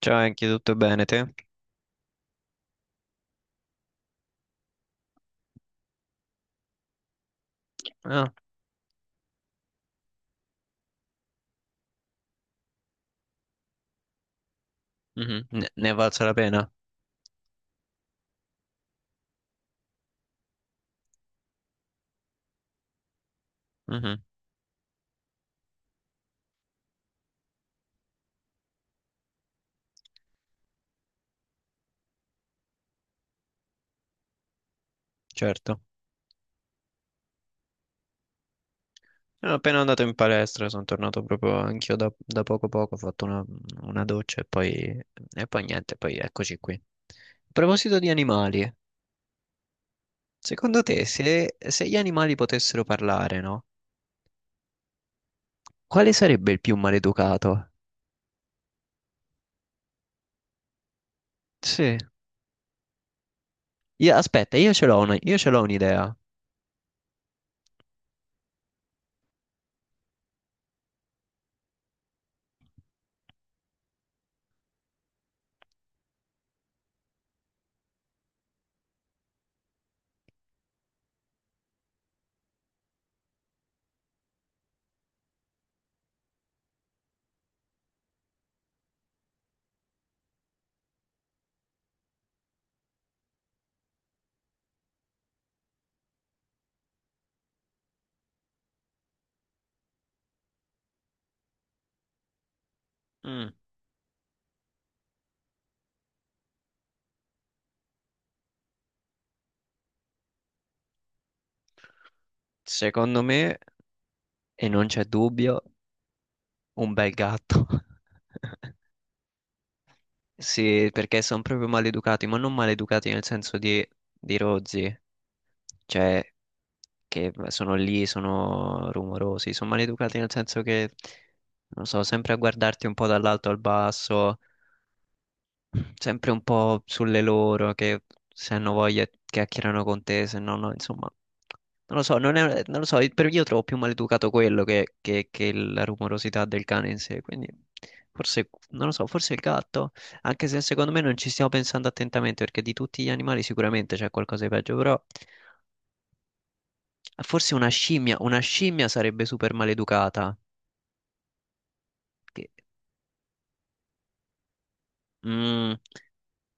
Ciao, anche tutto bene te? Ah, mhm, Ne è valsa la pena? Mhm, certo. Sono appena andato in palestra, sono tornato proprio anch'io da poco poco, ho fatto una doccia e poi niente, poi eccoci qui. A proposito di animali, secondo te se gli animali potessero parlare, no? Quale sarebbe il più maleducato? Sì. Aspetta, io ce l'ho un'idea. Mm. Secondo me, e non c'è dubbio, un bel gatto. Sì, perché sono proprio maleducati, ma non maleducati nel senso di rozzi, cioè che sono lì, sono rumorosi, sono maleducati nel senso che, non so, sempre a guardarti un po' dall'alto al basso, sempre un po' sulle loro, che se hanno voglia chiacchierano con te, se no, no, insomma, non lo so, non lo so, per io trovo più maleducato quello che la rumorosità del cane in sé, quindi forse, non lo so, forse il gatto, anche se secondo me non ci stiamo pensando attentamente, perché di tutti gli animali sicuramente c'è qualcosa di peggio, però forse una scimmia sarebbe super maleducata, che... Mm,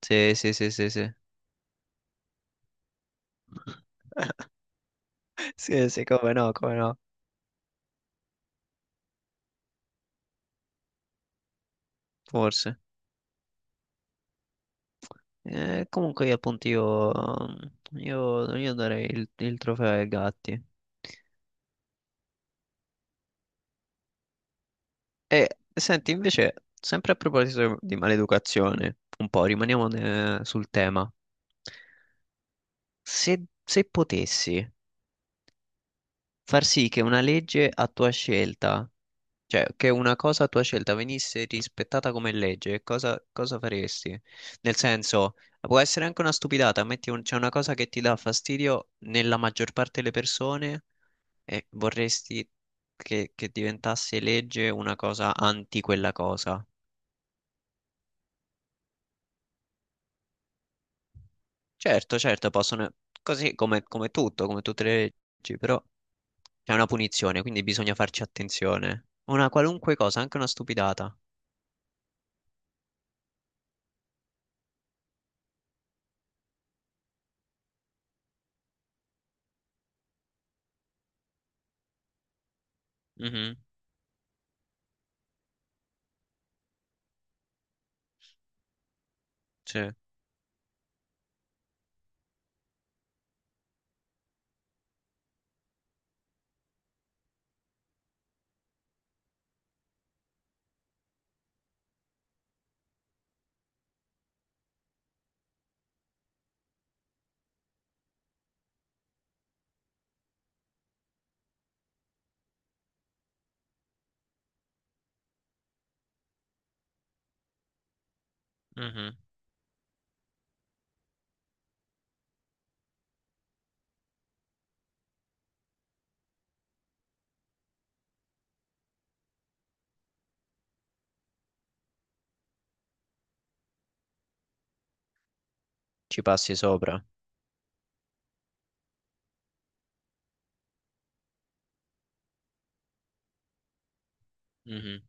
sì, sì, sì, sì, sì. Sì, sì, come no, come no, forse. Comunque io io darei il trofeo ai gatti. E senti, invece, sempre a proposito di maleducazione, un po' rimaniamo sul tema. Se potessi far sì che una legge a tua scelta, cioè che una cosa a tua scelta venisse rispettata come legge, cosa faresti? Nel senso, può essere anche una stupidata, c'è una cosa che ti dà fastidio nella maggior parte delle persone. E vorresti che diventasse legge una cosa anti quella cosa. Certo, certo, possono, così come tutto, come tutte le leggi, però c'è una punizione, quindi bisogna farci attenzione. Una qualunque cosa, anche una stupidata. Mhm, sì, mhm. Ci passi sopra. Mhm,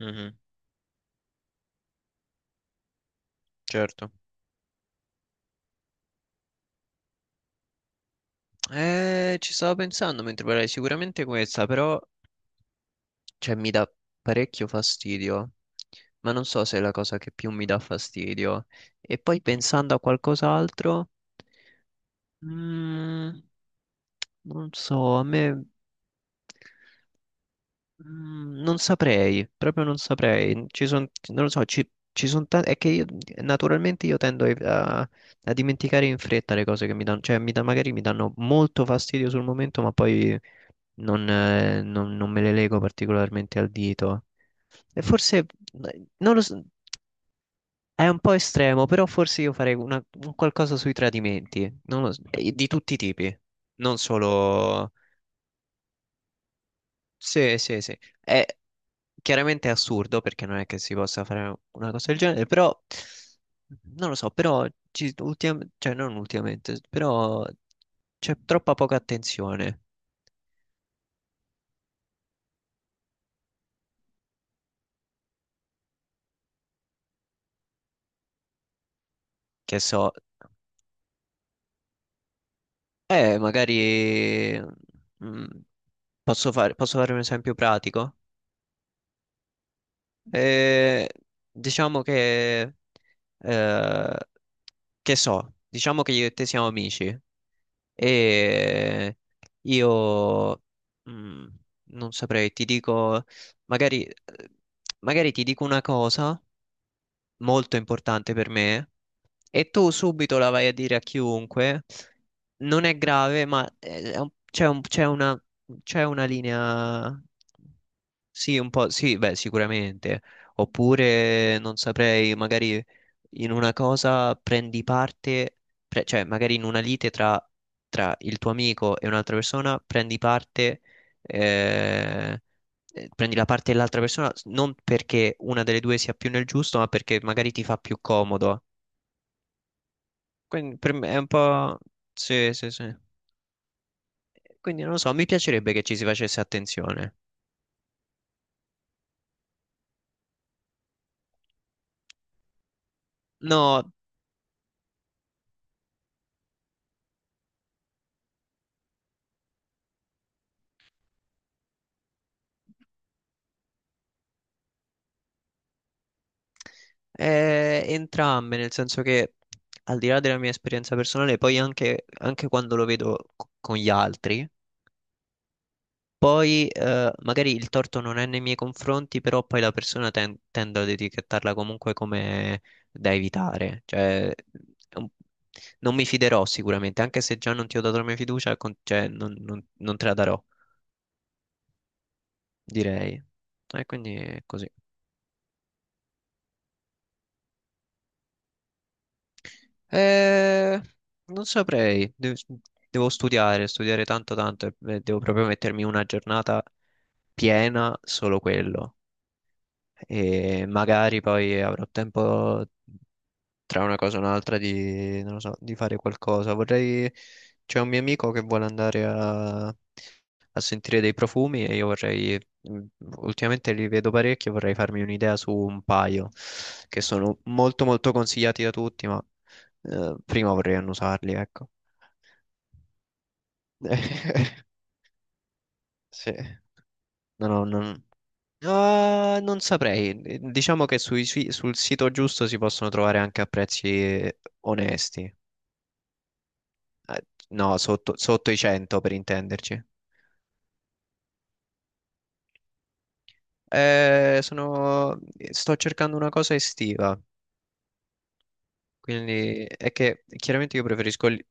mhm, certo. Ci stavo pensando mentre parlavi, sicuramente questa, però cioè mi dà parecchio fastidio, ma non so se è la cosa che più mi dà fastidio. E poi pensando a qualcos'altro, mm, non so, a me non saprei, proprio non saprei. Ci sono, non lo so, ci sono tanti, è che io, naturalmente io tendo a dimenticare in fretta le cose che mi danno, magari mi danno molto fastidio sul momento, ma poi non me le lego particolarmente al dito. E forse, non lo so, è un po' estremo, però forse un qualcosa sui tradimenti, non lo so, di tutti i tipi, non solo... Sì, sì, sì. È chiaramente è assurdo perché non è che si possa fare una cosa del genere, però non lo so, però cioè non ultimamente, però c'è troppa poca attenzione, che so. Magari mm, posso fare un esempio pratico. Eh, diciamo eh, che so, diciamo che io e te siamo amici e io mm, non saprei, ti dico, magari, magari ti dico una cosa molto importante per me e tu subito la vai a dire a chiunque, non è grave, c'è c'è c'è una linea, sì, un po', sì, beh, sicuramente. Oppure, non saprei, magari in una cosa prendi parte, cioè magari in una lite tra il tuo amico e un'altra persona prendi parte eh, prendi la parte dell'altra persona non perché una delle due sia più nel giusto, ma perché magari ti fa più comodo. Quindi per me è un po'... Sì, sì, sì. Quindi non lo so, mi piacerebbe che ci si facesse attenzione. No, entrambe, nel senso che al di là della mia esperienza personale, poi anche quando lo vedo con gli altri. Poi magari il torto non è nei miei confronti, però poi la persona tende ad etichettarla comunque come da evitare. Cioè, è un- non mi fiderò sicuramente, anche se già non ti ho dato la mia fiducia, cioè, non te la darò, direi. E quindi è così. Eh, non saprei, devo studiare, studiare tanto tanto e devo proprio mettermi una giornata piena solo quello e magari poi avrò tempo tra una cosa e un'altra di, non lo so, di fare qualcosa. Vorrei, c'è un mio amico che vuole andare a sentire dei profumi e io vorrei, ultimamente li vedo parecchi e vorrei farmi un'idea su un paio che sono molto molto consigliati da tutti, ma prima vorrei annusarli, ecco. Sì. No, no, non... Ah, non saprei. Diciamo che sul sito giusto si possono trovare anche a prezzi onesti. No, sotto, sotto i 100 per intenderci. Eh, sono- sto cercando una cosa estiva, quindi è che chiaramente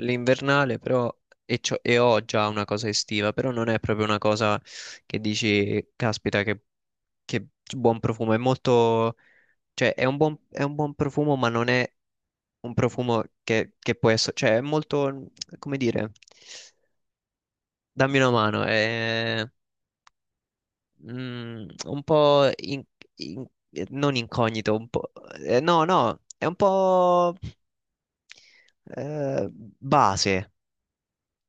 l'invernale, però ho già una cosa estiva, però non è proprio una cosa che dici, caspita, che buon profumo, è molto, cioè è un buon profumo, ma non è un profumo che può essere, cioè è molto, come dire, dammi una mano, un po' non incognito, un po', no, no, è un po' base,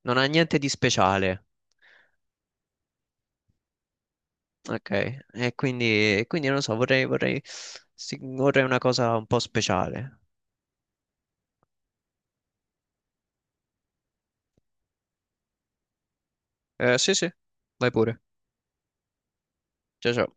non ha niente di speciale. Ok, e quindi, e quindi non lo so, sì, vorrei una cosa un po' speciale. Sì, sì, vai pure. Ciao, ciao.